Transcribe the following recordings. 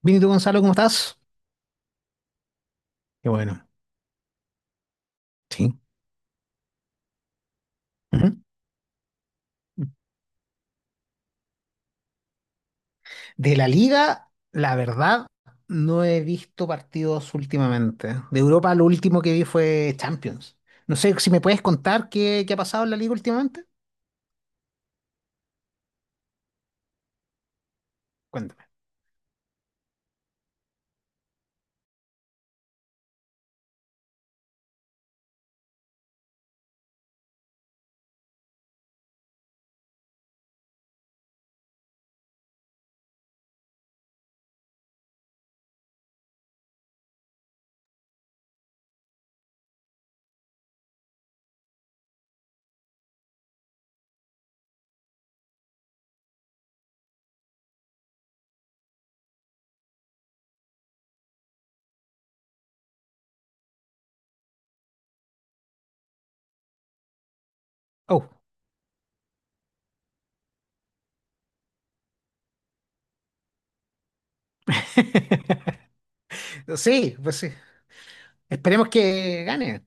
Benito Gonzalo, ¿cómo estás? Qué bueno, sí. Ujú. De la Liga, la verdad, no he visto partidos últimamente. De Europa, lo último que vi fue Champions. No sé si me puedes contar qué ha pasado en la Liga últimamente. Cuéntame. Oh. Sí, pues sí. Esperemos que gane.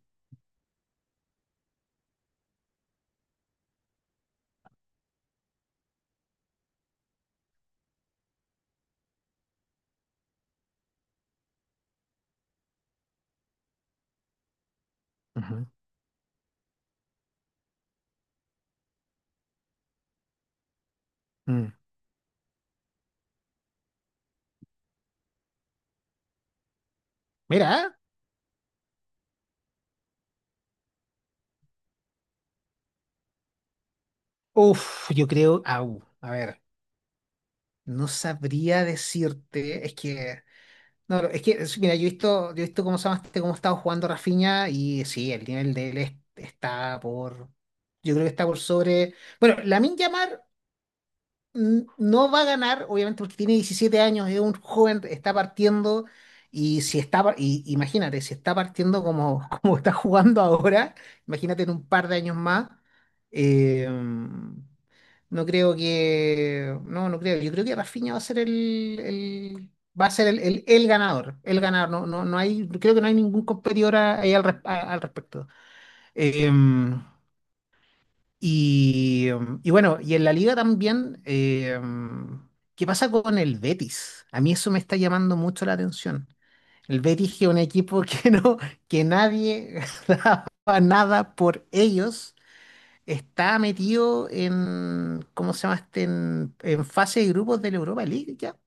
Ujú. Mm. Mira, ¿eh? Uf, yo creo, au, a ver, no sabría decirte, es que no, pero es que, mira, yo he visto cómo se llama este, cómo ha estado jugando Rafinha y sí, el nivel de él está por, yo creo que está por sobre, bueno, Lamine Yamal. No va a ganar, obviamente porque tiene 17 años, es un joven, está partiendo y si está, par- y, imagínate, si está partiendo como, como está jugando ahora, imagínate en un par de años más, eh, no creo que. No, no creo. Yo creo que Rafinha va a ser va a ser el ganador. El ganador. No, no, no hay, creo que no hay ningún competidor ahí al respecto. Eh, y bueno, y en la liga también, ¿qué pasa con el Betis? A mí eso me está llamando mucho la atención. El Betis, que es un equipo que no, que nadie daba nada por ellos, está metido en, ¿cómo se llama este? En fase de grupos de la Europa League, ya.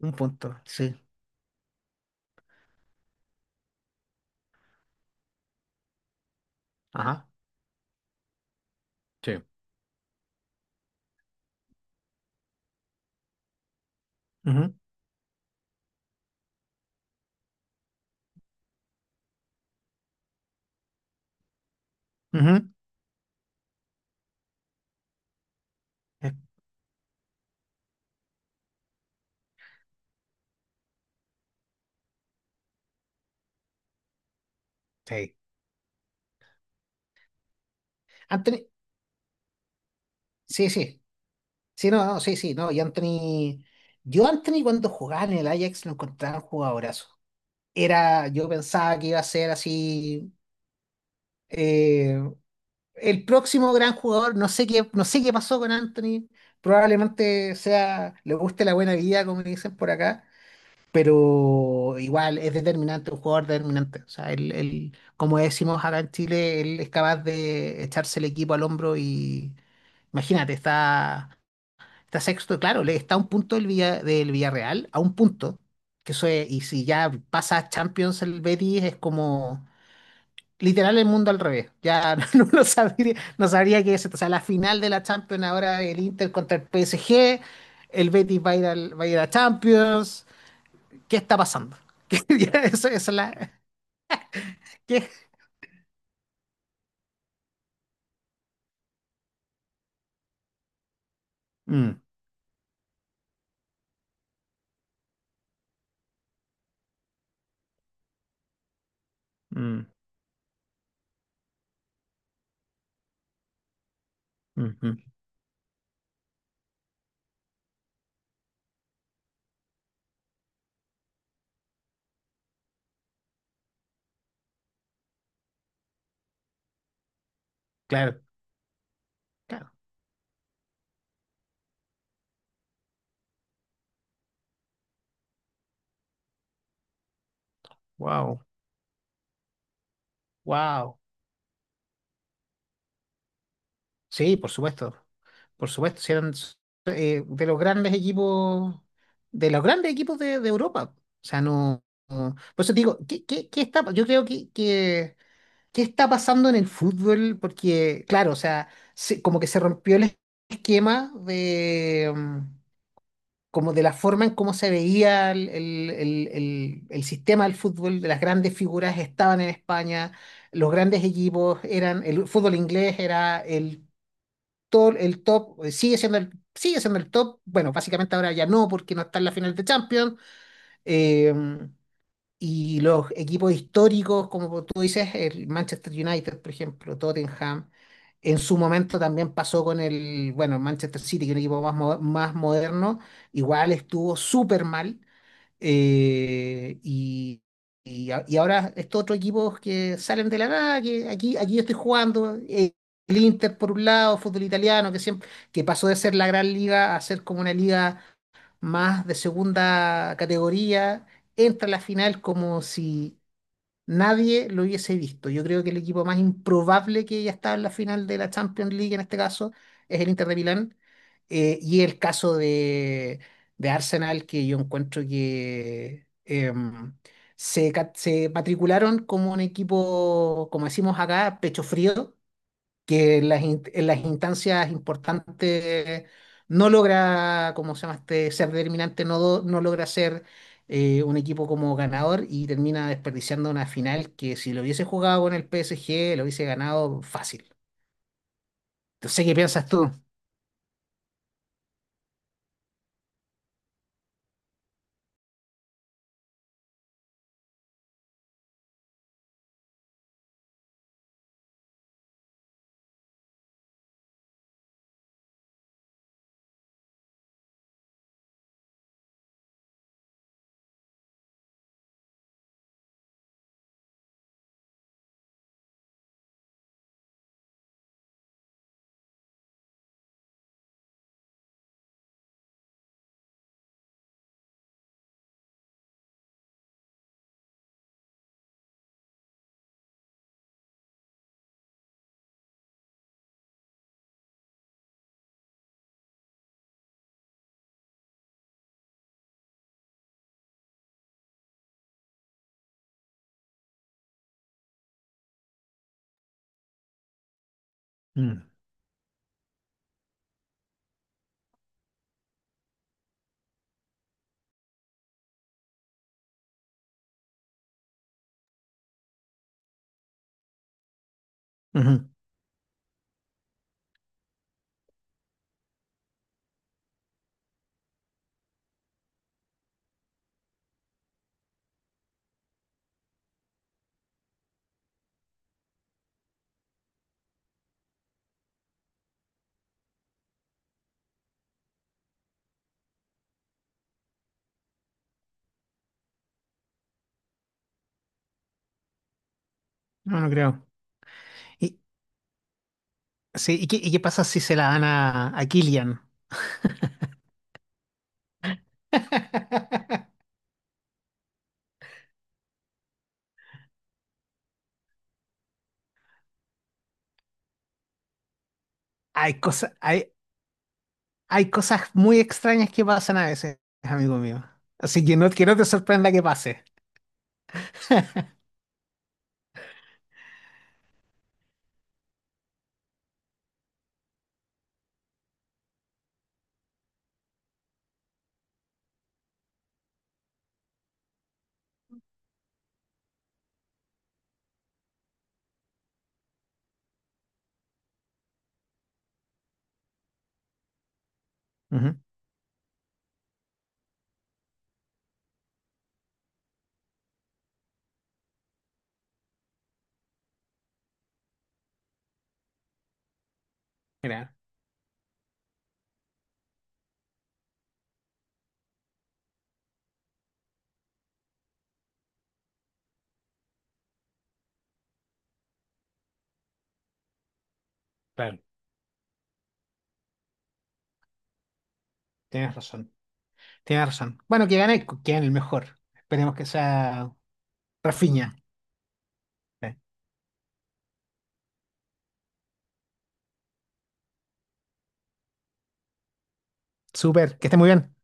Un punto, sí. Ajá. Sí. Ujú, ujú. Eh, Sí. Anthony, sí, sí. Sí, no, no, sí, sí, no. Y Anthony, yo Anthony cuando jugaba en el Ajax lo encontraba un jugadorazo. Era, yo pensaba que iba a ser así, eh, el próximo gran jugador. No sé qué pasó con Anthony. Probablemente sea, le guste la buena vida, como dicen por acá, pero igual es determinante, un jugador determinante. O sea, como decimos acá en Chile, él es capaz de echarse el equipo al hombro y imagínate, está sexto, claro, le está a un punto del Villarreal, a un punto, que eso es, y si ya pasa a Champions el Betis es como literal el mundo al revés. Ya no, no sabría qué es esto. O sea, la final de la Champions ahora el Inter contra el PSG, el Betis va a ir a Champions. ¿Qué está pasando? ¿Qué, ya, eso, esa es la, qué? Mm, mm, ujú. Claro, claro. Wow, wow. Sí, por supuesto. Por supuesto, si eran, de los grandes equipos, de los grandes equipos de Europa. O sea, no, por eso te digo, ¿qué, qué está? Yo creo ¿qué está pasando en el fútbol? Porque, claro, o sea, como que se rompió el esquema de, como de la forma en cómo se veía el sistema del fútbol. De las grandes figuras estaban en España, los grandes equipos eran, el fútbol inglés era el top, sigue siendo el top, bueno, básicamente ahora ya no porque no está en la final de Champions. eh, y los equipos históricos, como tú dices, el Manchester United, por ejemplo, Tottenham, en su momento también pasó con el, bueno, el Manchester City, que es un equipo más moderno, igual estuvo súper mal. eh, y, y ahora estos otros equipos que salen de la nada, que aquí yo estoy jugando, el Inter por un lado, fútbol italiano, que siempre, que pasó de ser la gran liga a ser como una liga más de segunda categoría, entra a la final como si nadie lo hubiese visto. Yo creo que el equipo más improbable que ya está en la final de la Champions League en este caso es el Inter de Milán. Y el caso de, Arsenal, que yo encuentro que se matricularon como un equipo, como decimos acá, pecho frío, que en las, en las instancias importantes no logra, como se llama este, ser determinante. No, no logra ser, un equipo como ganador y termina desperdiciando una final que si lo hubiese jugado con el PSG lo hubiese ganado fácil. Entonces, ¿qué piensas tú? Mm, ujú. No, no creo. Y, sí, ¿y qué pasa si se la dan a Kylian? Hay cosas, hay, hay cosas muy extrañas que pasan a veces, amigo mío. Así que no te sorprenda que pase. Ujú. Mira, claro, tienes razón. Tienes razón. Bueno, que gane el mejor. Esperemos que sea Rafinha. Eh, Súper, que esté muy bien.